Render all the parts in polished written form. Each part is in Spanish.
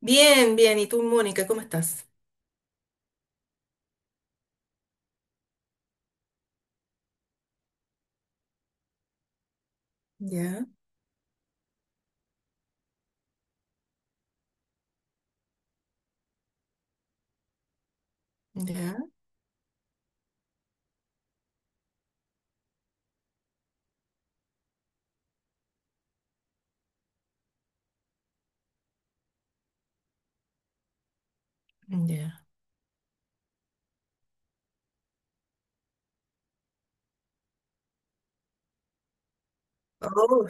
Bien, bien. ¿Y tú, Mónica, cómo estás? Ya, ya, ya. Oh.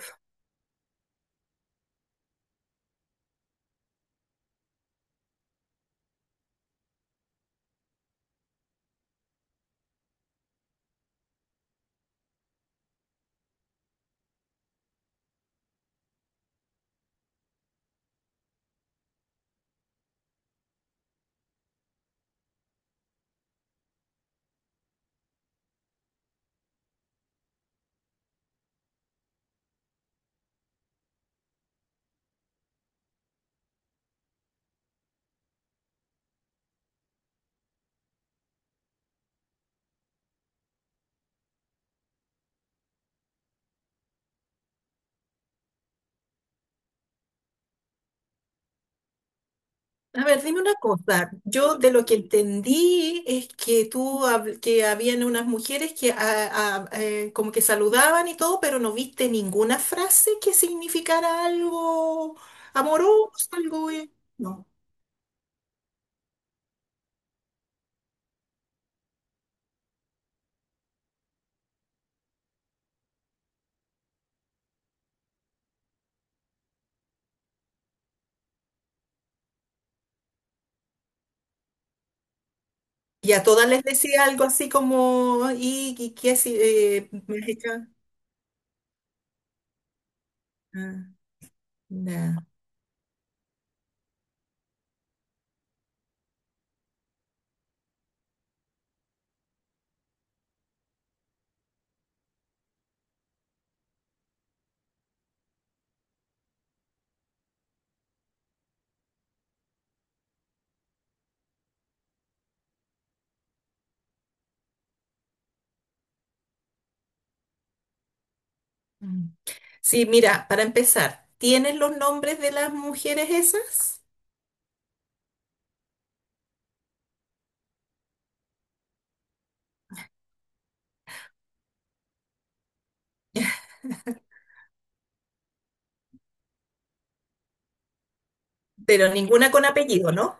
A ver, dime una cosa. Yo de lo que entendí es que tú, que habían unas mujeres que como que saludaban y todo, pero no viste ninguna frase que significara algo amoroso, algo... No. Y a todas les decía algo así como, ¿y qué si- me has hecho? Ah, ya. Mm. Sí, mira, para empezar, ¿tienes los nombres de las mujeres esas? Pero ninguna con apellido, ¿no?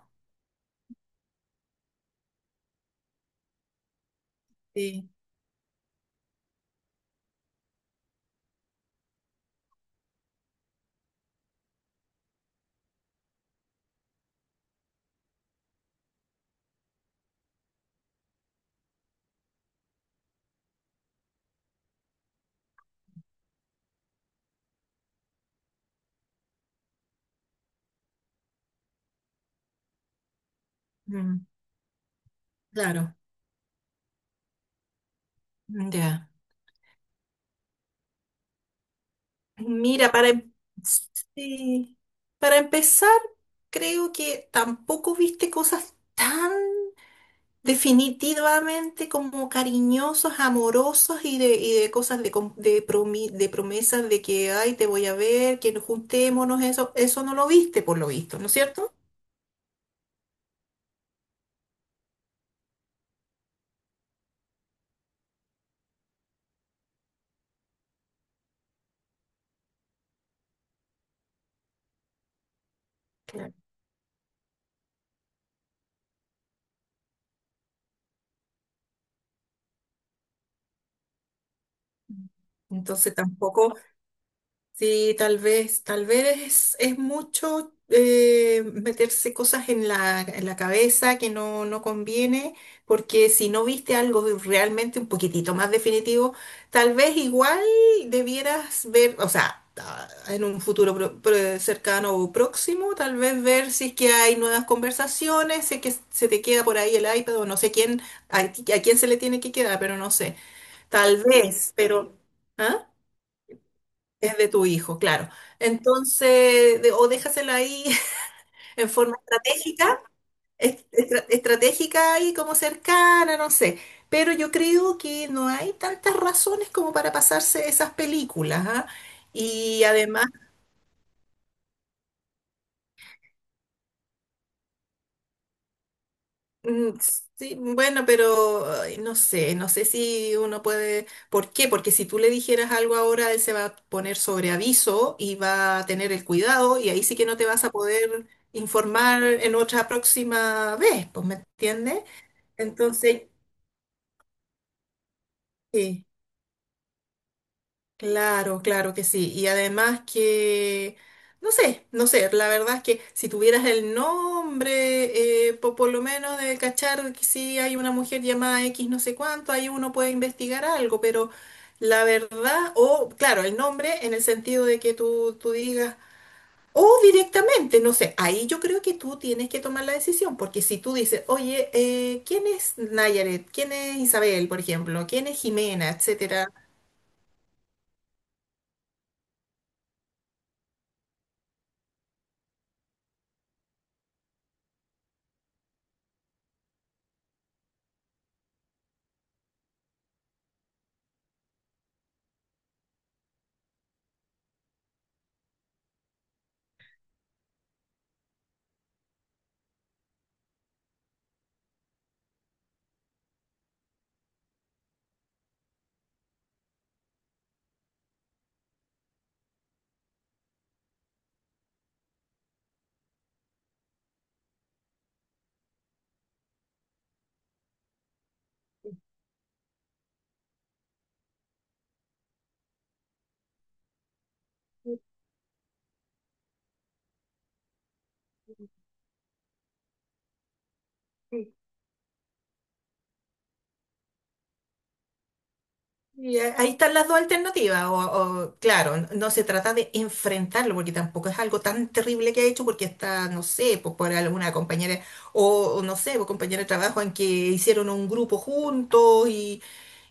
Sí. Mm, claro, ya. Mira, sí, para empezar, creo que tampoco viste cosas tan definitivamente como cariñosos, amorosos y de cosas de, de promesas de que, ay, te voy a ver, que nos juntémonos, eso no lo viste por lo visto, ¿no es cierto? Claro. Entonces tampoco. Sí, tal vez es mucho meterse cosas en la cabeza que no, no conviene, porque si no viste algo realmente un poquitito más definitivo, tal vez igual debieras ver, en un futuro cercano o próximo, tal vez ver si es que hay nuevas conversaciones, si es que se te queda por ahí el iPad o no sé quién, a quién se le tiene que quedar, pero no sé, tal vez, pero... ¿ah? Es de tu hijo, claro. Entonces, o déjasela ahí en forma estratégica, estratégica y como cercana, no sé. Pero yo creo que no hay tantas razones como para pasarse esas películas, ¿ah? Y además... Mm. Sí, bueno, pero ay, no sé, no sé si uno puede. ¿Por qué? Porque si tú le dijeras algo ahora, él se va a poner sobre aviso y va a tener el cuidado y ahí sí que no te vas a poder informar en otra próxima vez, pues, ¿me entiendes? Entonces, sí. Claro, claro que sí. Y además que, no sé, no sé, la verdad es que si tuvieras el nombre, por lo menos de cachar que si hay una mujer llamada X no sé cuánto, ahí uno puede investigar algo, pero la verdad, o claro, el nombre en el sentido de que tú digas, o directamente, no sé, ahí yo creo que tú tienes que tomar la decisión, porque si tú dices, oye, ¿quién es Nayaret? ¿Quién es Isabel, por ejemplo? ¿Quién es Jimena? Etcétera. Ahí están las dos alternativas. Claro, no se trata de enfrentarlo, porque tampoco es algo tan terrible que ha hecho, porque está, no sé, pues, por alguna compañera, o no sé, por compañera de trabajo en que hicieron un grupo juntos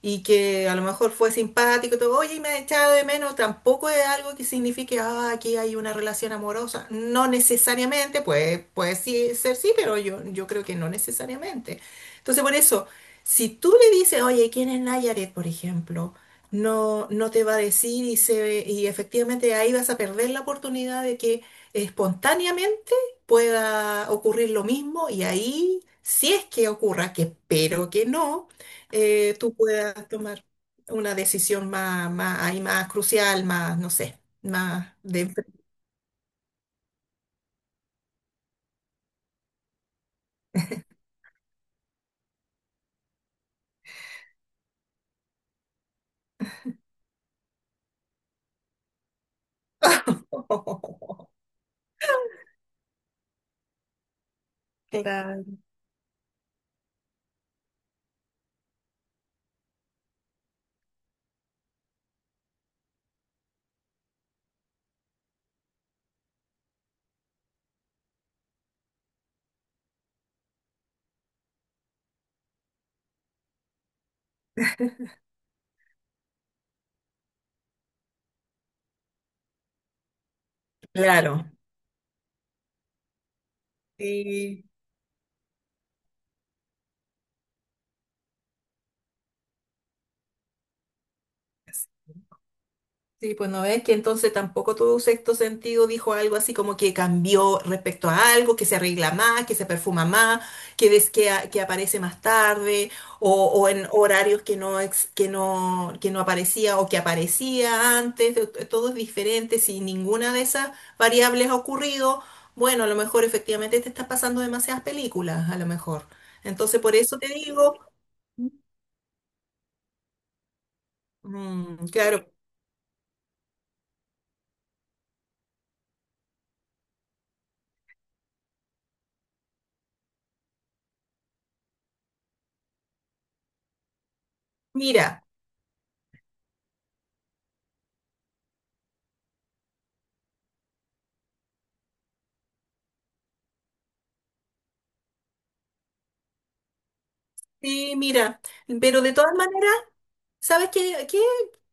y que a lo mejor fue simpático y todo, oye, y me ha echado de menos, tampoco es algo que signifique, ah, aquí hay una relación amorosa. No necesariamente, pues, puede sí, ser sí, pero yo creo que no necesariamente. Entonces, por eso. Si tú le dices, oye, ¿quién es Nayaret, por ejemplo? No, no te va a decir y, se, y efectivamente ahí vas a perder la oportunidad de que espontáneamente pueda ocurrir lo mismo y ahí, si es que ocurra, que espero que no, tú puedas tomar una decisión más, más, ahí más crucial, más, no sé, más de... Claro. Claro. Sí. Sí, pues no ves que entonces tampoco tu sexto sentido dijo algo así como que cambió respecto a algo, que se arregla más, que se perfuma más, que ves que, que aparece más tarde o en horarios que no, que no, que no aparecía o que aparecía antes, todo es diferente, si ninguna de esas variables ha ocurrido, bueno, a lo mejor efectivamente te estás pasando demasiadas películas, a lo mejor. Entonces por eso te digo, mm, claro, mira, sí, mira, pero de todas maneras... ¿Sabes qué? ¿Qué?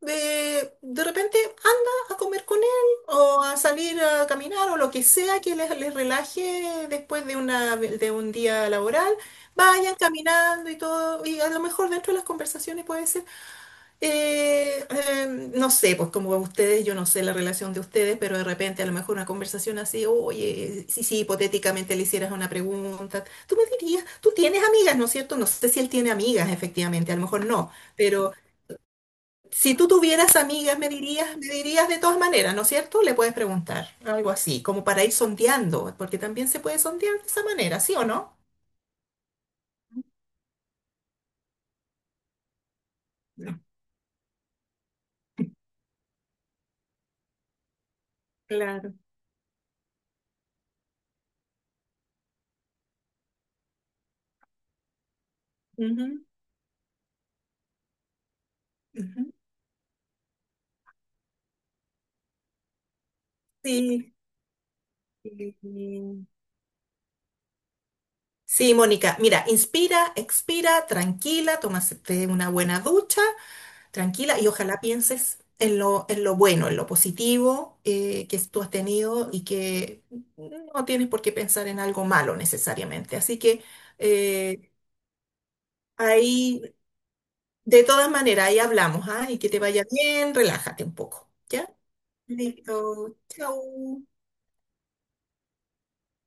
De repente anda a comer con él o a salir a caminar o lo que sea que les relaje después de, una, de un día laboral. Vayan caminando y todo, y a lo mejor dentro de las conversaciones puede ser, eh, eh, no sé, pues como ustedes, yo no sé la relación de ustedes, pero de repente a lo mejor una conversación así, oye, si, si hipotéticamente le hicieras una pregunta, tú me dirías, tú tienes amigas, ¿no es cierto? No sé si él tiene amigas, efectivamente, a lo mejor no. Pero si tú tuvieras amigas, me dirías de todas maneras, ¿no es cierto? Le puedes preguntar algo así, como para ir sondeando, porque también se puede sondear de esa manera, ¿sí o no? No. Claro. Ujú, ujú. Sí. Sí, sí, Mónica, mira, inspira, expira, tranquila, tómate una buena ducha, tranquila, y ojalá pienses en lo bueno, en lo positivo que tú has tenido y que no tienes por qué pensar en algo malo necesariamente. Así que eh, ahí, de todas maneras, ahí hablamos, ¿ah? Y que te vaya bien, relájate un poco, ¿ya? Listo, chau.